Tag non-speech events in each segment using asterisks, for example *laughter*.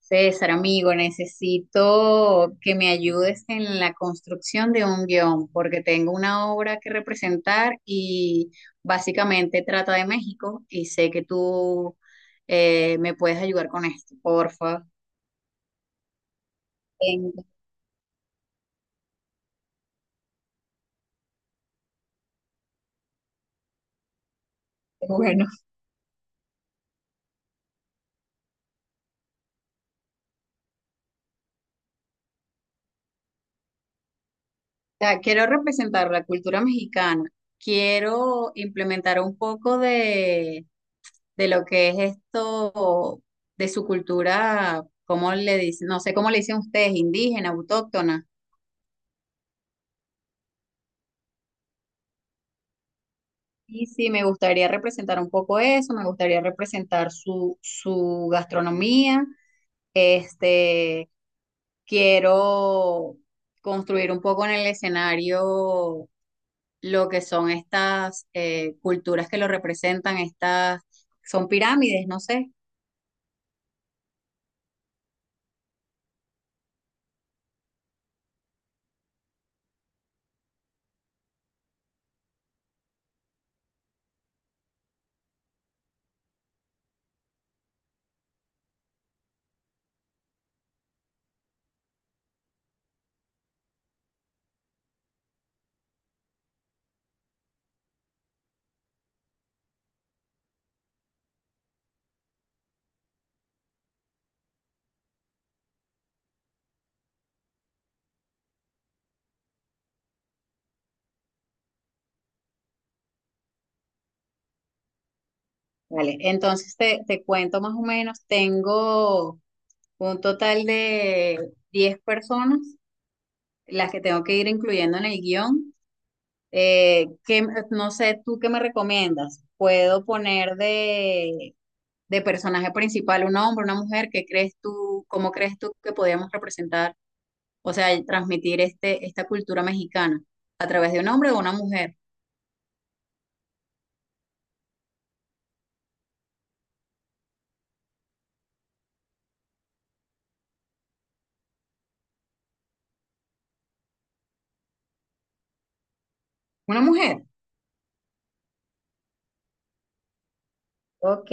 César, amigo, necesito que me ayudes en la construcción de un guión, porque tengo una obra que representar y básicamente trata de México y sé que tú me puedes ayudar con esto, porfa. En- Bueno, *laughs* o sea, quiero representar la cultura mexicana, quiero implementar un poco de lo que es esto, de su cultura, ¿cómo le dicen? No sé cómo le dicen ustedes, indígena, autóctona. Y sí, me gustaría representar un poco eso, me gustaría representar su gastronomía. Este, quiero construir un poco en el escenario lo que son estas culturas que lo representan, estas son pirámides, no sé. Vale, entonces te cuento más o menos, tengo un total de 10 personas, las que tengo que ir incluyendo en el guión. No sé, ¿tú qué me recomiendas? ¿Puedo poner de personaje principal un hombre, una mujer? ¿Qué crees tú, cómo crees tú que podríamos representar, o sea, y transmitir este, esta cultura mexicana a través de un hombre o una mujer? Una mujer. Ok,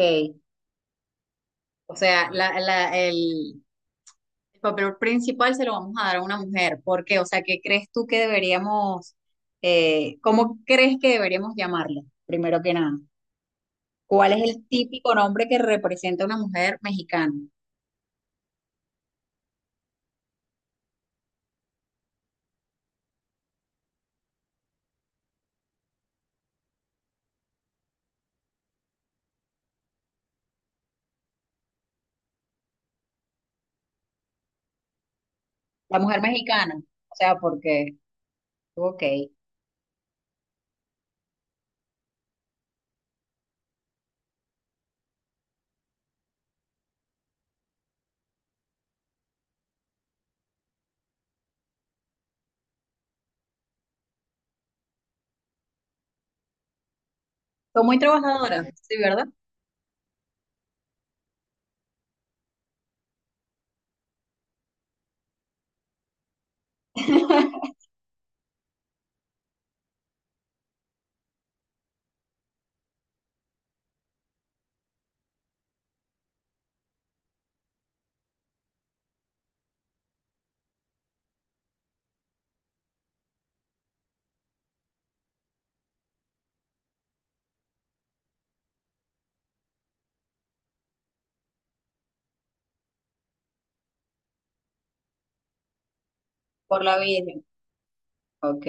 o sea, el papel principal se lo vamos a dar a una mujer. ¿Por qué? O sea, ¿qué crees tú que deberíamos, cómo crees que deberíamos llamarla, primero que nada? ¿Cuál es el típico nombre que representa una mujer mexicana? La mujer mexicana, o sea, porque, ok, son muy trabajadoras, sí, ¿verdad? *laughs* Por la Virgen, ok,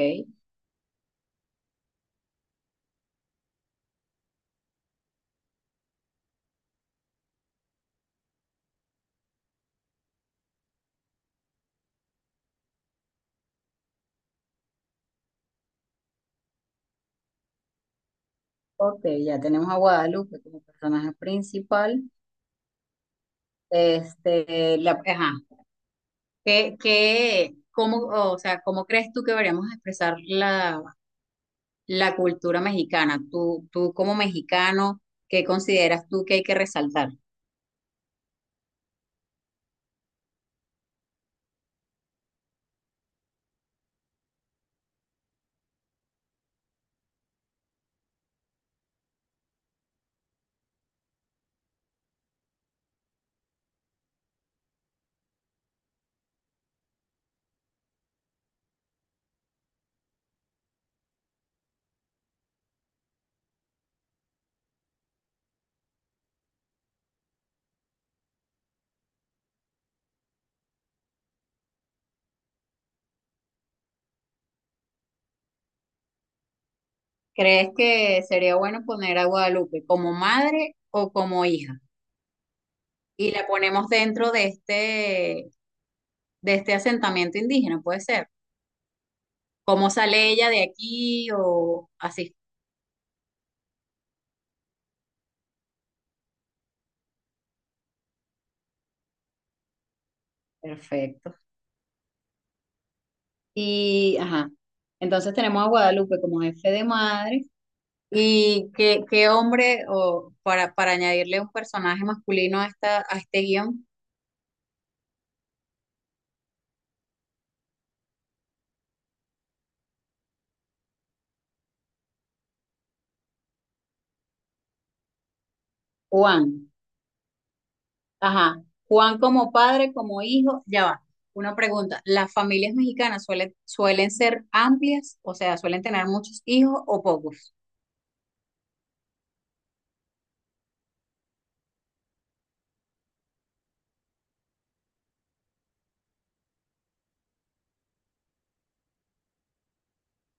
ok, ya tenemos a Guadalupe como personaje principal. Este, la, ajá, o sea, ¿cómo crees tú que deberíamos expresar la cultura mexicana? Tú como mexicano, ¿qué consideras tú que hay que resaltar? ¿Crees que sería bueno poner a Guadalupe como madre o como hija? Y la ponemos dentro de este asentamiento indígena, puede ser. ¿Cómo sale ella de aquí o así? Perfecto. Y, ajá, entonces tenemos a Guadalupe como jefe de madre. ¿Y qué hombre, o para añadirle un personaje masculino a, esta, a este guión? Juan. Ajá. Juan como padre, como hijo, ya va. Una pregunta, ¿las familias mexicanas suelen ser amplias? O sea, ¿suelen tener muchos hijos o pocos?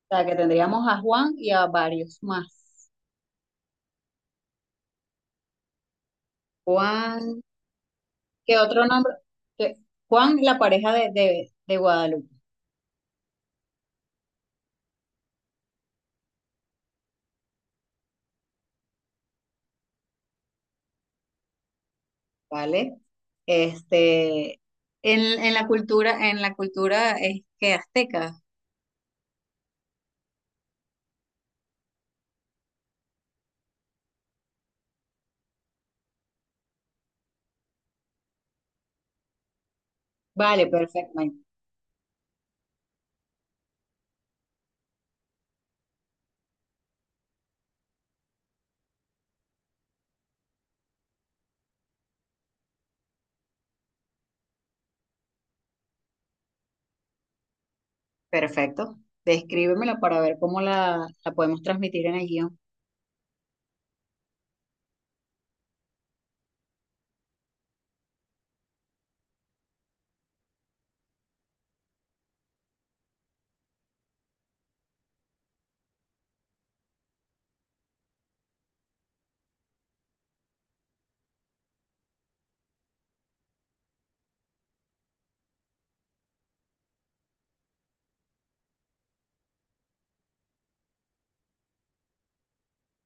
O sea, que tendríamos a Juan y a varios más. Juan, ¿qué otro nombre? ¿Qué? Juan, la pareja de Guadalupe, ¿vale? Este, en la cultura es que azteca. Vale, perfecto, perfecto. Descríbemela para ver cómo la podemos transmitir en el guión.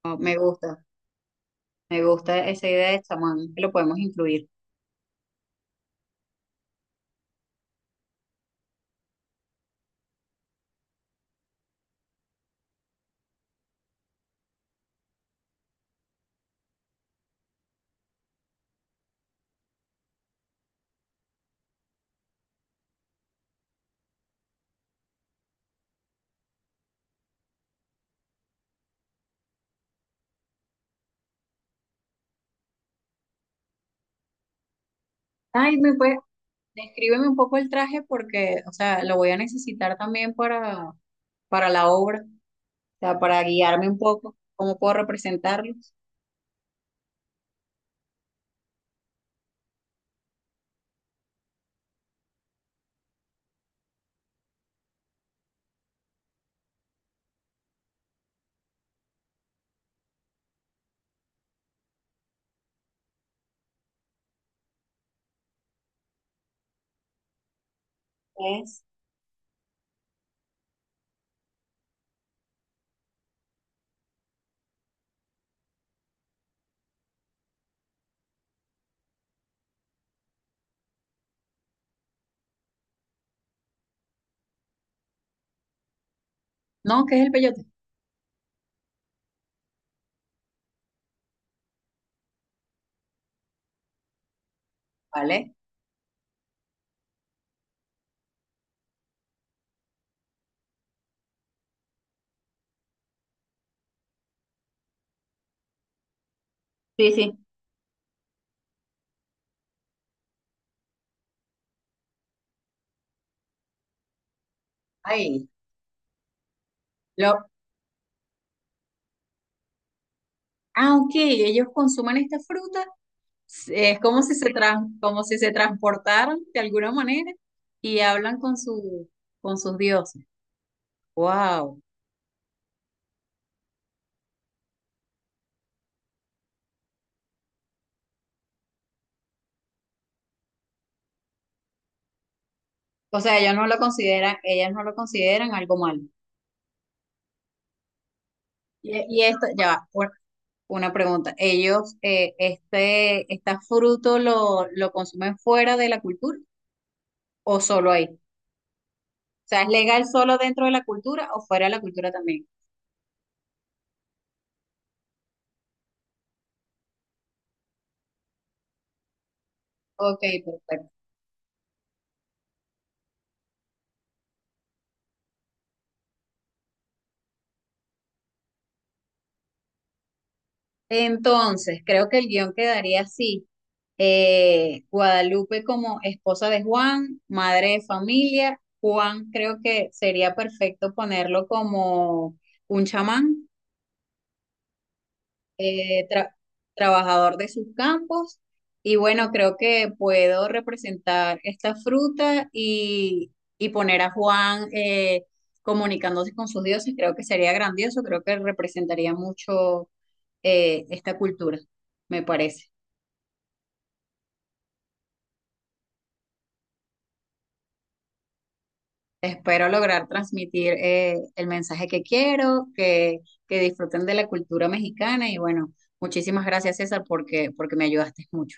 Oh, me gusta esa idea de chamán, que lo podemos incluir. Ay, me puede, descríbeme un poco el traje porque, o sea, lo voy a necesitar también para la obra, o sea, para guiarme un poco, cómo puedo representarlo. ¿Qué es? No, ¿qué es el peyote? ¿Vale? Sí, sí. Ay, lo, ah, ok, ellos consumen esta fruta, es como si como si se transportaran de alguna manera y hablan con su, con sus dioses. Wow. O sea, ellos no lo consideran, ellas no lo consideran algo malo. Y esto, ya va, por- una pregunta. ¿Ellos, este, este fruto lo consumen fuera de la cultura o solo ahí? O sea, ¿es legal solo dentro de la cultura o fuera de la cultura también? Ok, perfecto. Entonces, creo que el guión quedaría así. Guadalupe como esposa de Juan, madre de familia. Juan creo que sería perfecto ponerlo como un chamán eh, tra- trabajador de sus campos y bueno, creo que puedo representar esta fruta y poner a Juan comunicándose con sus dioses, creo que sería grandioso, creo que representaría mucho esta cultura, me parece. Espero lograr transmitir el mensaje que quiero, que disfruten de la cultura mexicana y bueno, muchísimas gracias César porque, porque me ayudaste mucho.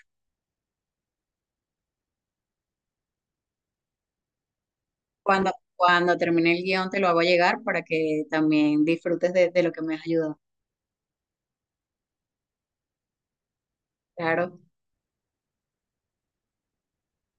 Cuando, cuando termine el guión te lo hago llegar para que también disfrutes de lo que me has ayudado. Claro.